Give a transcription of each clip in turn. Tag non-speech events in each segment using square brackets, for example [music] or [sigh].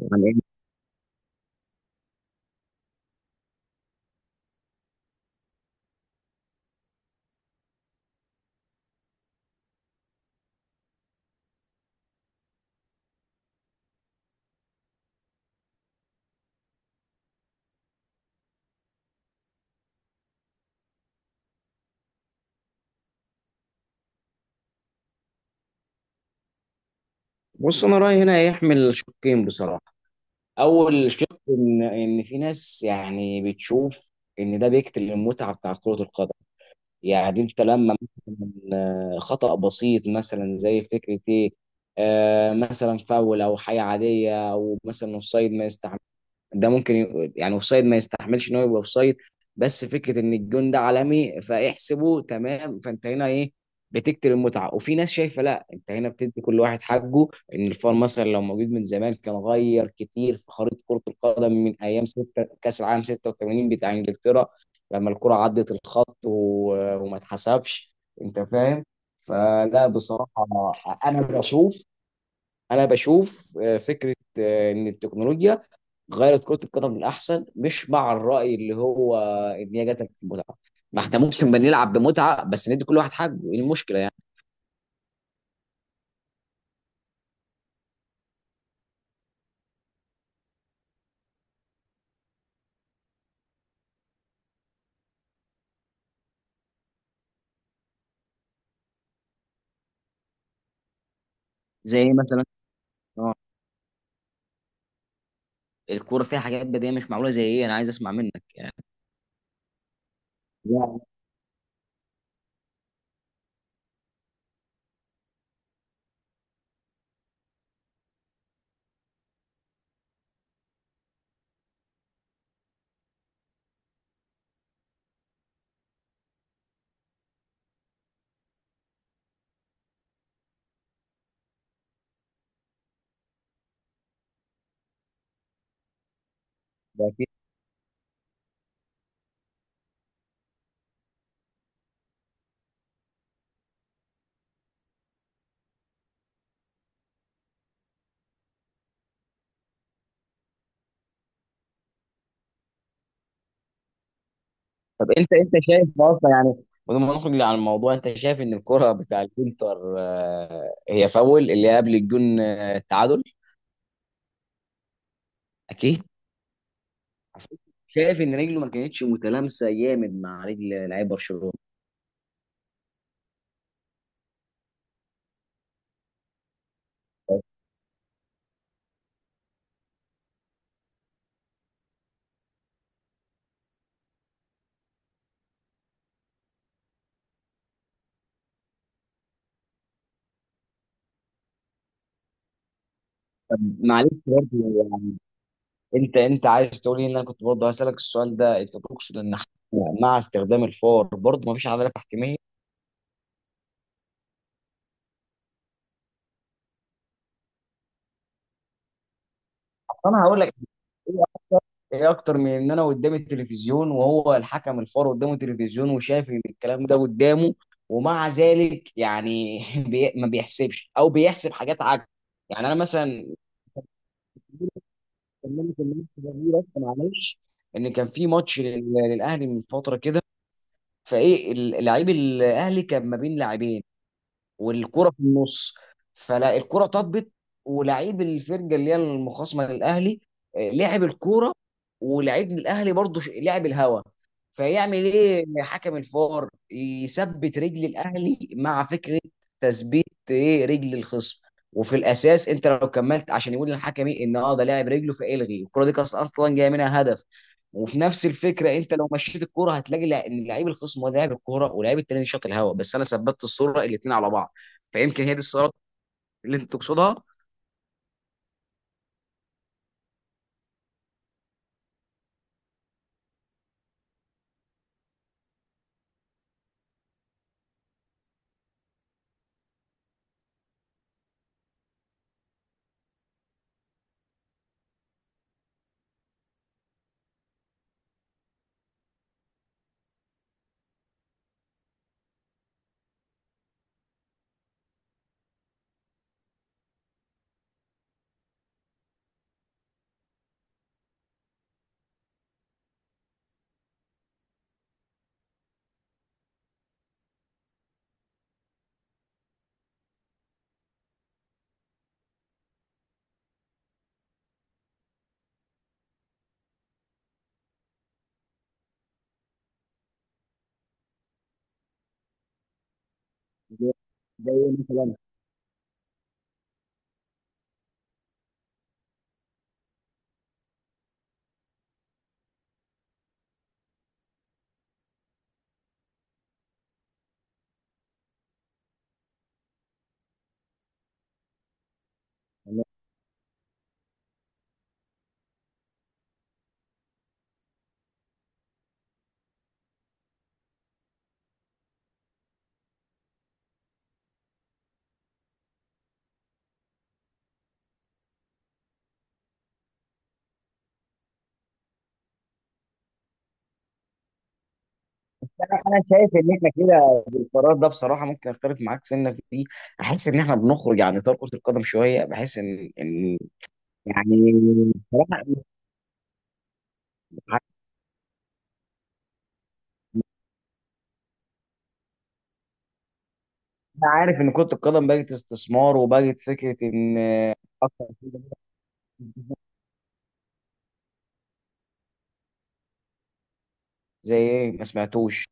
يعني إيه؟ بص، انا رايي هنا يحمل شقين بصراحه. اول شق ان في ناس يعني بتشوف ان ده بيقتل المتعه بتاعت كره القدم. يعني انت لما مثلا، خطا بسيط، مثلا زي فكره ايه، مثلا فاول او حاجه عاديه، او مثلا اوفسايد ما. ده ممكن يعني اوفسايد ما يستحملش ان هو يبقى اوفسايد، بس فكره ان الجون ده عالمي فاحسبه تمام. فانت هنا ايه، بتقتل المتعه. وفي ناس شايفه لا، انت هنا بتدي كل واحد حقه. ان الفار مثلا لو موجود من زمان كان غير كتير في خريطه كره القدم، من ايام ستة كاس العالم 86 بتاع انجلترا، لما الكره عدت الخط وما اتحسبش. انت فاهم. فلا بصراحه، انا بشوف انا بشوف فكره، ان التكنولوجيا غيرت كرة القدم للأحسن. مش مع الرأي اللي هو إن هي جاتك في المتعة. ما احنا ممكن بنلعب بمتعة بس ندي كل واحد حقه، ايه المشكلة يعني. زي ايه مثلا؟ اه. الكورة فيها حاجات بديهية مش معمولة زي ايه، انا عايز اسمع منك يعني. لا، ده أكيد. طب انت شايف اصلا، يعني بدون ما نخرج عن الموضوع، انت شايف ان الكرة بتاع الانتر، هي فاول، اللي هي قبل الجون، التعادل؟ اكيد. شايف ان رجله ما كانتش متلامسة جامد مع رجل لعيب برشلونة. طب معلش برضه، انت عايز تقول لي ان انا كنت برضه هسالك السؤال ده، انت تقصد ان احنا مع استخدام الفار برضه مفيش عداله تحكيميه؟ اصل انا هقول لك ايه. ايه اكتر من ان انا قدامي التلفزيون وهو الحكم الفار قدامه التلفزيون وشايف ان الكلام ده قدامه، ومع ذلك يعني [laughs] ما بيحسبش او بيحسب حاجات عكس. يعني انا مثلا كلمت الناس دي، بس معلش، ان كان في ماتش للاهلي من فتره كده، فايه اللعيب الاهلي كان ما بين لاعبين والكرة في النص. فلا، الكرة طبت ولعيب الفرقة اللي هي المخاصمة للأهلي، لعب الكرة، ولعيب الأهلي برضه لعب الهوا. فيعمل إيه حكم الفار؟ يثبت رجل الأهلي مع فكرة تثبيت إيه، رجل الخصم. وفي الأساس أنت لو كملت عشان يقول للحكم إيه، إن أه ده لاعب رجله فإلغي الكرة، دي كانت أصلا جاية منها هدف. وفي نفس الفكره انت لو مشيت الكوره هتلاقي ان لعيب الخصم هو ده لاعب الكوره، ولاعيب التاني شاط الهوا، بس انا ثبتت الصوره الاثنين على بعض. فيمكن هي دي الثغرات اللي انت تقصدها. زي زي مثلا. انا شايف ان احنا كده، القرار ده بصراحه ممكن اختلف معاك سنه فيه. احس ان احنا بنخرج عن اطار كره القدم شويه، بحس ان ان، يعني بصراحه، انا عارف ان كره القدم بقت استثمار وبقت فكره ان اكتر حاجة. زي ايه، ما سمعتوش؟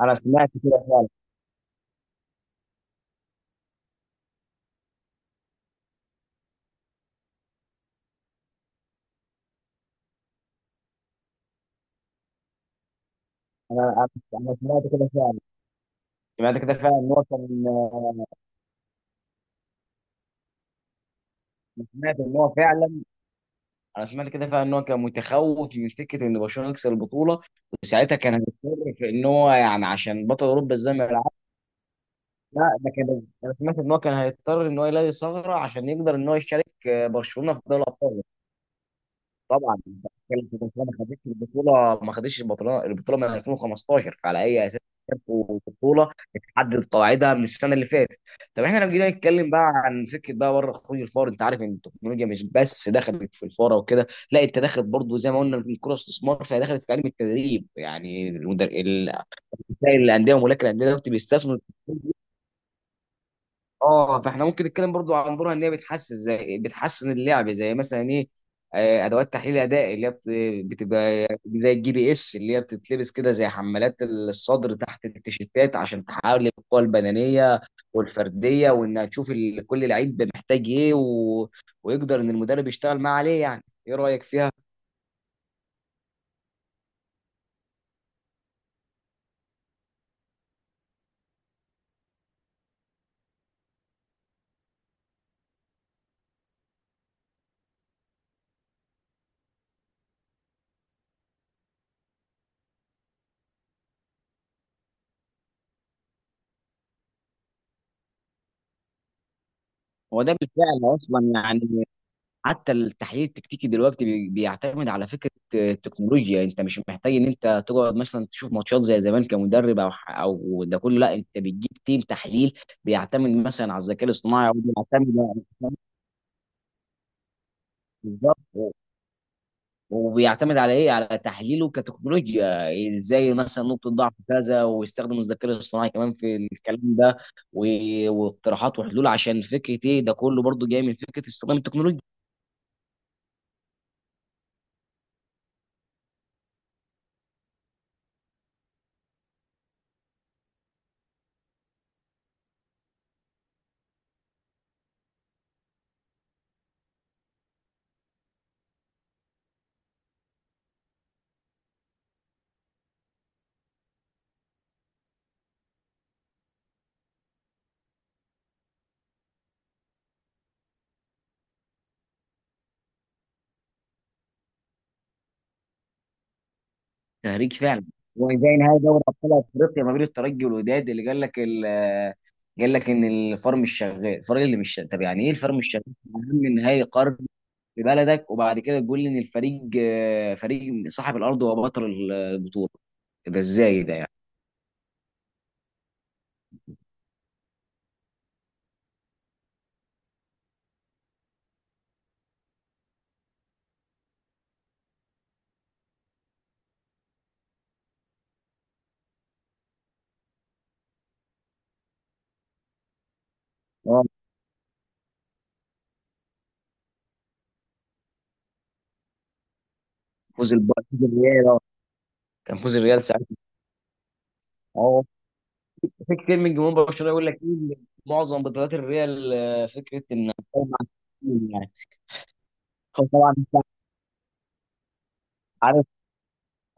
انا سمعت كده فعلا. انا أنا سمعت كده فعلا. سمعت كده فعلا ان هو كان. سمعت ان هو فعلا. انا سمعت كده فعلا ان هو كان متخوف من فكره ان برشلونه يكسب البطوله، وساعتها كان هيضطر في ان هو، يعني عشان بطل اوروبا ازاي ما يلعبش. لا ده كان، انا سمعت ان هو كان هيضطر ان هو يلاقي ثغره عشان يقدر ان هو يشارك، برشلونه في دوري الابطال. طبعا بتكلم في برشلونه ما خدتش البطوله. ما خدتش البطوله، البطوله من 2015، فعلى اي اساس؟ في بطوله اتحدد قواعدها من السنه اللي فاتت. طب احنا لو جينا نتكلم بقى عن فكره بقى بره خروج الفار، انت عارف ان التكنولوجيا مش بس دخلت في الفاره وكده لا، انت دخلت برضو زي ما قلنا من الكره استثمار. فهي دخلت في علم التدريب، يعني الانديه وملاك الانديه دلوقتي بيستثمروا. اه. فاحنا ممكن نتكلم برضو عن دورها ان هي بتحسن، زي بتحسن اللعب، زي مثلا ايه، ادوات تحليل اداء اللي هي بتبقى زي الجي بي اس اللي هي بتتلبس كده زي حمالات الصدر تحت التيشيرتات عشان تحاول القوه البدنيه والفرديه، وانها تشوف كل لعيب محتاج ايه، و... ويقدر ان المدرب يشتغل معاه عليه. يعني ايه رايك فيها؟ هو ده بالفعل اصلا يعني. حتى التحليل التكتيكي دلوقتي بيعتمد على فكره التكنولوجيا. انت مش محتاج ان انت تقعد مثلا تشوف ماتشات زي زمان كمدرب او او ده كله، لا، انت بتجيب تيم تحليل بيعتمد مثلا على الذكاء الاصطناعي، وبيعتمد على، [laughs] بالظبط. وبيعتمد على ايه، على تحليله كتكنولوجيا ازاي، مثلا نقطه ضعف كذا، ويستخدم الذكاء الاصطناعي كمان في الكلام ده، واقتراحات وحلول عشان فكره ايه. ده كله برضو جاي من فكره استخدام التكنولوجيا. تهريج فعلا. هو زي نهائي دوري ابطال افريقيا ما بين الترجي والوداد، اللي قال لك قال لك ان الفار مش شغال، الفريق اللي مش شغال. طب يعني ايه الفار مش شغال في اهم نهائي قرن في بلدك، وبعد كده تقول لي ان الفريق، فريق صاحب الارض هو بطل البطوله؟ ده ازاي ده يعني. اه. فوز الريال، آه. كان فوز الريال ساعتها. اه. في كتير من جمهور برشلونه يقول لك ايه، معظم بطولات الريال، فكره ان، يعني. هو طبعا عارف،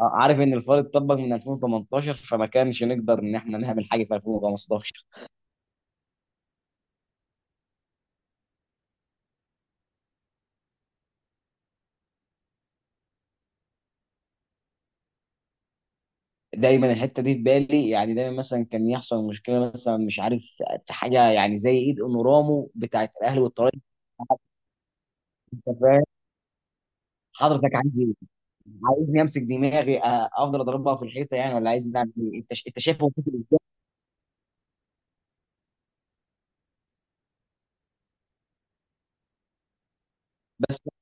عارف ان الفار اتطبق من 2018، فما كانش نقدر ان احنا نعمل حاجه في 2015. دايما الحته دي في بالي، يعني دايما مثلا كان يحصل مشكله، مثلا مش عارف، في حاجه يعني زي ايد انورامو بتاعت الاهلي والطريق. انت فاهم. حضرتك عايز ايه؟ عايزني امسك دماغي، افضل اضربها في الحيطه يعني؟ ولا عايز نعمل ايه؟ انت، انت شايفه ممكن ازاي؟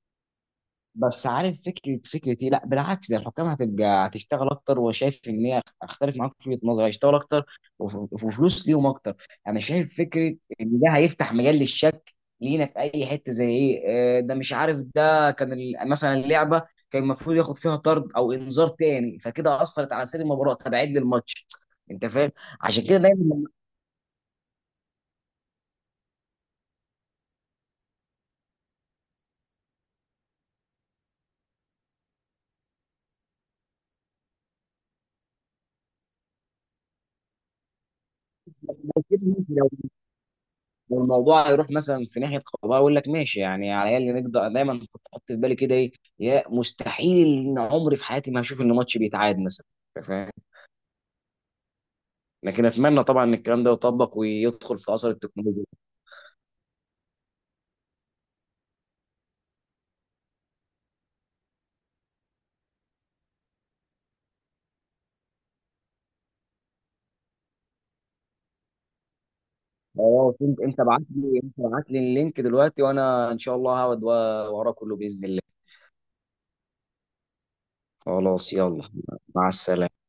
بس عارف فكره فكرتي؟ لا بالعكس، ده الحكام هتبقى هتشتغل اكتر، وشايف ان هي اختلف معاك في وجهه نظري، هيشتغل اكتر وفلوس ليهم اكتر. انا شايف فكره ان ده هيفتح مجال للشك لينا في اي حته. زي ايه؟ ده مش عارف، ده كان مثلا اللعبه كان المفروض ياخد فيها طرد او انذار تاني، فكده اثرت على سير المباراه، تبعد لي الماتش. انت فاهم؟ عشان كده دايما والموضوع هيروح مثلا في ناحيه قضاء يقول لك ماشي. يعني على الاقل نقدر. دايما كنت احط في بالي كده ايه، يا مستحيل ان عمري في حياتي ما هشوف ان ماتش بيتعاد مثلا. أنت فاهم. لكن اتمنى طبعا ان الكلام ده يطبق ويدخل في اثر التكنولوجيا. اه، انت ابعت لي اللينك دلوقتي، وانا ان شاء الله هقعد وراه كله باذن الله. خلاص يلا. مع السلامه.